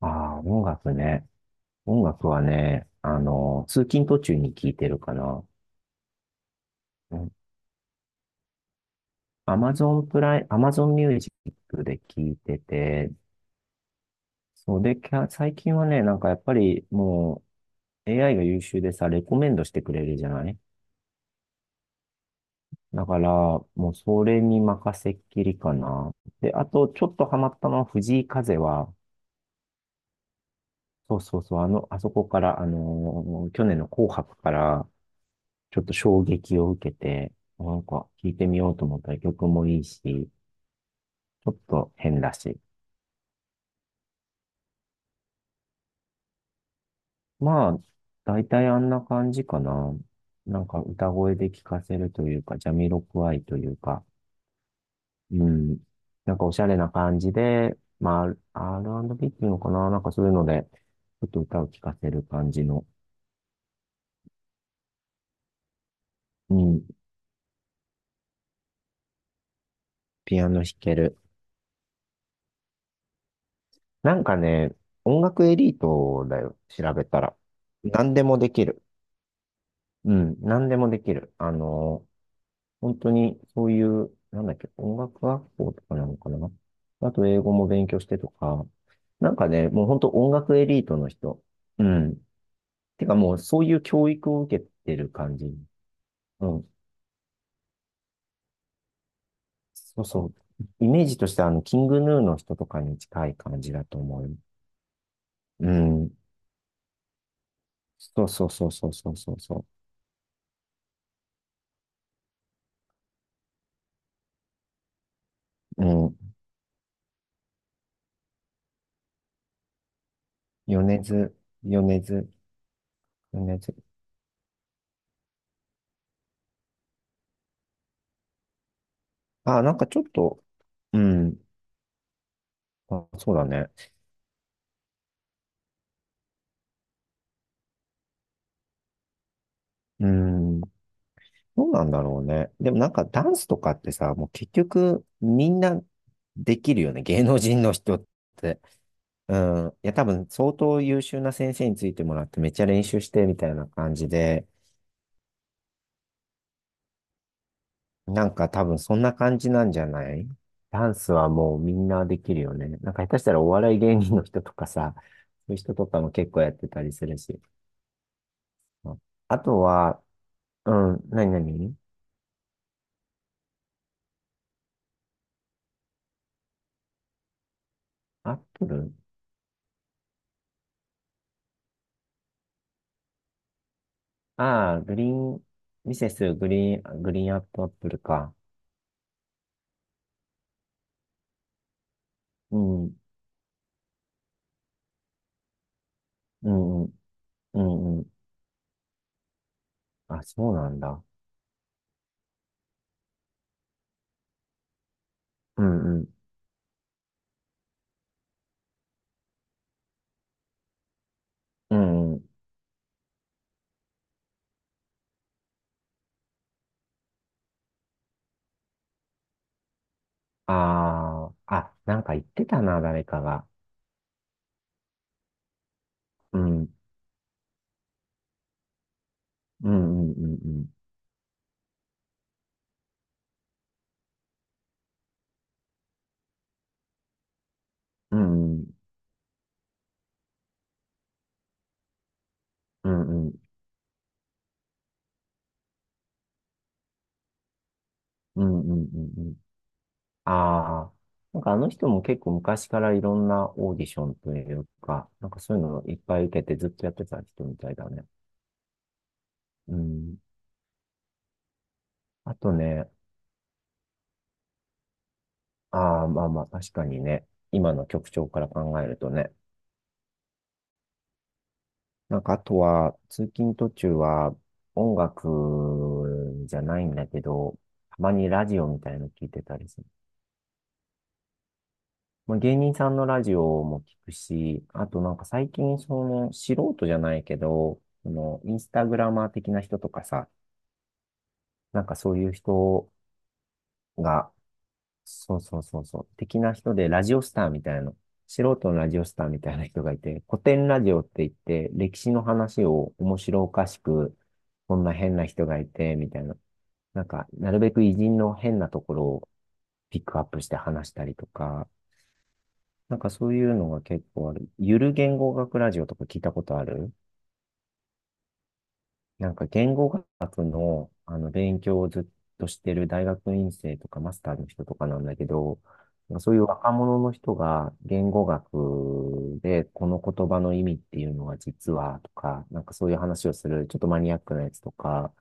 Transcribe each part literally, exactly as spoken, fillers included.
ああ、音楽ね。音楽はね、あの、通勤途中に聞いてるかな。アマゾンプライ、アマゾンミュージックで聞いてて、そうで、きゃ最近はね、なんかやっぱりもう エーアイ が優秀でさ、レコメンドしてくれるじゃない。だから、もうそれに任せっきりかな。で、あと、ちょっとハマったのは藤井風は、そうそうそう、あの、あそこから、あのー去年の紅白から、ちょっと衝撃を受けて、なんか聴いてみようと思ったら曲もいいし、ちょっと変だし。まあ、大体あんな感じかな。なんか歌声で聴かせるというか、ジャミロクワイというか、うん。なんかおしゃれな感じで、まあ、アールアンドビー っていうのかな、なんかそういうので、ちょっと歌を聴かせる感じの、うん、ピアノ弾ける。なんかね、音楽エリートだよ、調べたら。何でもできる。うん、何でもできる。あの、本当にそういう、なんだっけ、音楽学校とかなのかな。あと英語も勉強してとか、なんかね、もう本当音楽エリートの人。うん。てかもうそういう教育を受けてる感じ。うん。そうそう。イメージとしてはあの、キングヌーの人とかに近い感じだと思う。うん。そうそうそうそうそうそうそう。うん。米津、米津、米津。あ、なんかちょっと、うん。あ、そうだね。うん。どうなんだろうね。でもなんかダンスとかってさ、もう結局みんなできるよね。芸能人の人って。うん。いや、多分相当優秀な先生についてもらってめっちゃ練習してみたいな感じで、なんか多分そんな感じなんじゃない？ダンスはもうみんなできるよね。なんか下手したらお笑い芸人の人とかさ、そういう人とかも結構やってたりするし。あ、あとは、うん、何何？アップル。ああ、グリーン、ミセスグリーン、グリーンアップアップルか。うん、うん、うん、うんうん。あ、そうなんだ。うん、うん、うん、うん。ああ、あ、なんか言ってたな、誰かが。うん、うん、うん、うん、うん、うん、うん、うん、うん、うん、うん。うん。ああ、なんかあの人も結構昔からいろんなオーディションというか、なんかそういうのをいっぱい受けてずっとやってた人みたいだね。うん。あとね、ああ、まあまあ、確かにね。今の曲調から考えるとね。なんか、あとは、通勤途中は、音楽じゃないんだけど、たまにラジオみたいの聞いてたりする。まあ、芸人さんのラジオも聞くし、あとなんか最近、その、素人じゃないけど、その、インスタグラマー的な人とかさ、なんかそういう人が、そうそうそうそう。的な人で、ラジオスターみたいな、素人のラジオスターみたいな人がいて、古典ラジオって言って、歴史の話を面白おかしく、こんな変な人がいて、みたいな。なんか、なるべく偉人の変なところをピックアップして話したりとか、なんかそういうのが結構ある。ゆる言語学ラジオとか聞いたことある？なんか言語学の、あの勉強をずっとしてる大学院生とかマスターの人とかなんだけど、なんかそういう若者の人が言語学でこの言葉の意味っていうのは実はとか、なんかそういう話をするちょっとマニアックなやつとか、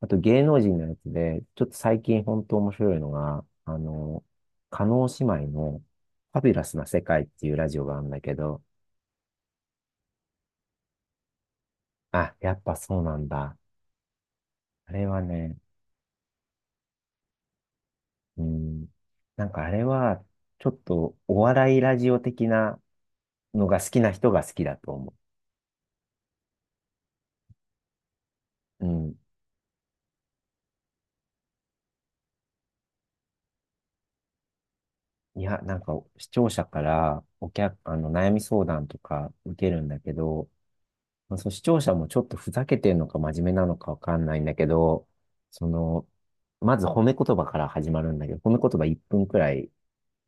あと芸能人のやつで、ちょっと最近本当面白いのが、あの、叶姉妹のファビュラスな世界っていうラジオがあるんだけど、あ、やっぱそうなんだ。あれはね、うん。なんかあれは、ちょっとお笑いラジオ的なのが好きな人が好きだと思う。うん。いや、なんか視聴者からお客、あの、悩み相談とか受けるんだけど、まあ、そう、視聴者もちょっとふざけてるのか真面目なのかわかんないんだけど、その、まず褒め言葉から始まるんだけど、褒め言葉いっぷんくらい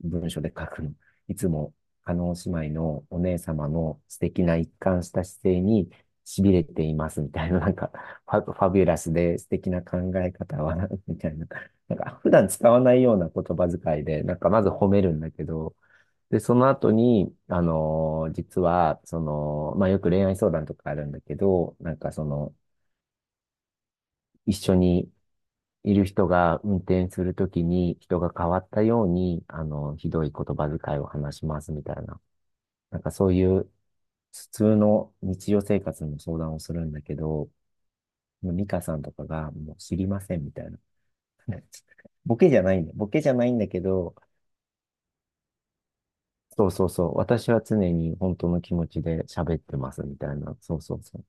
文章で書くの。いつも、叶姉妹のお姉様の素敵な一貫した姿勢に痺れていますみたいな、なんか、ファ、ファビュラスで素敵な考え方は、みたいな。なんか、普段使わないような言葉遣いで、なんか、まず褒めるんだけど、で、その後に、あのー実は、その、まあ、よく恋愛相談とかあるんだけど、なんかその、一緒にいる人が運転するときに人が変わったように、あの、ひどい言葉遣いを話しますみたいな。なんかそういう普通の日常生活の相談をするんだけど、もうミカさんとかがもう知りませんみたいな。ボケじゃないんだ。ボケじゃないんだけど、そうそうそう。私は常に本当の気持ちで喋ってますみたいな。そうそうそう。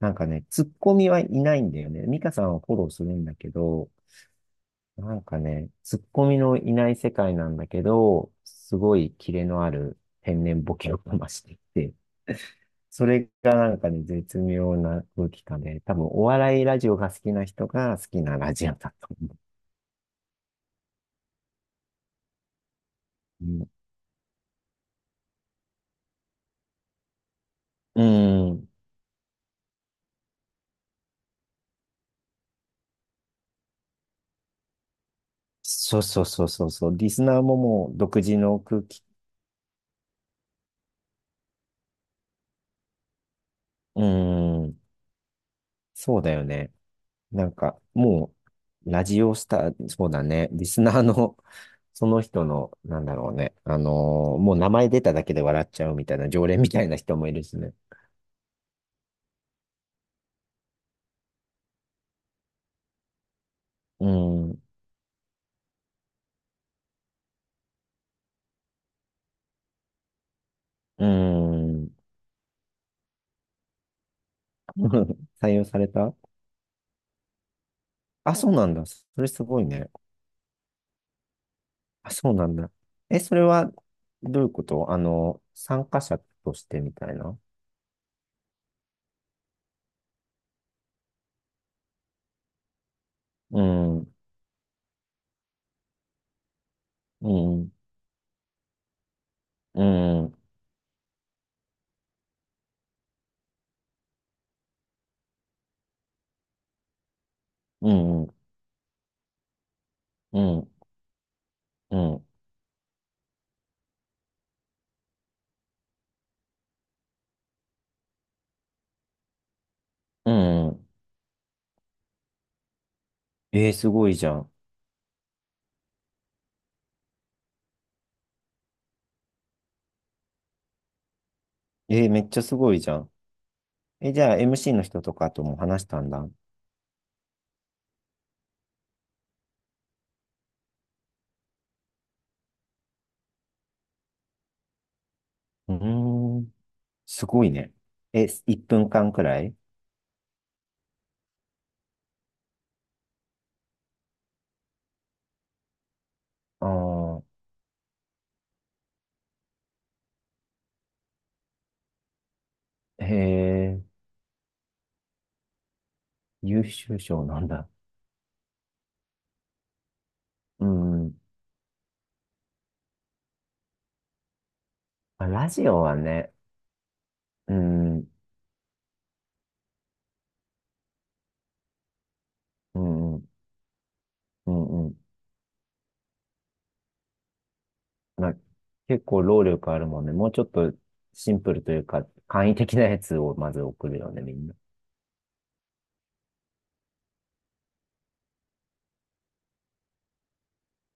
なんかね、ツッコミはいないんだよね。ミカさんはフォローするんだけど、なんかね、ツッコミのいない世界なんだけど、すごいキレのある天然ボケをかましていて、それがなんかね、絶妙な空気感で、多分お笑いラジオが好きな人が好きなラジオだと思う。うん。うん。そうそうそうそうそう。リスナーももう独自の空気。うん。そうだよね。なんか、もう、ラジオスター、そうだね、リスナーの、その人の、なんだろうね、あのーもう名前出ただけで笑っちゃうみたいな、常連みたいな人もいるしね。うん、うん。採用された？あ、そうなんだ。それすごいね。あ、そうなんだ。え、それは、どういうこと？あの、参加者としてみたいな？うん、うん、うん、うん、うん、うん、うん。えー、すごいじゃん。えー、めっちゃすごいじゃん。え、じゃあ エムシー の人とかとも話したんだ。うーん、すごいね。え、いっぷんかんくらい？ああー、へえ、優秀賞なんだ。うん。まあ、ラジオはね、うん、うん、うん、うん。まあ、結構労力あるもんね。もうちょっとシンプルというか、簡易的なやつをまず送るよね、みんな。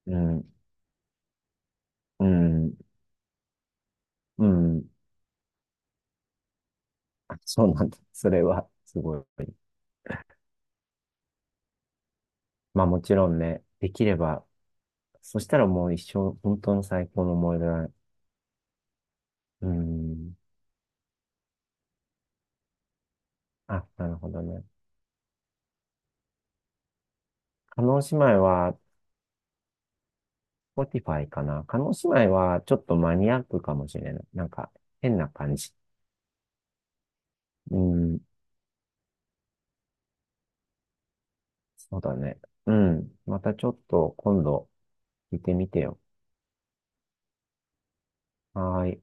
うん、うん、うん。あ、そうなんだ。それは、すごい。まあもちろんね、できれば、そしたらもう一生、本当の最高の思い出だね。うーん。あ、なるほどね。叶姉妹は、Spotify かな。叶姉妹は、ちょっとマニアックかもしれない。なんか、変な感じ。うーん。そうだね。うん。またちょっと、今度、聞いてみてよ。はーい。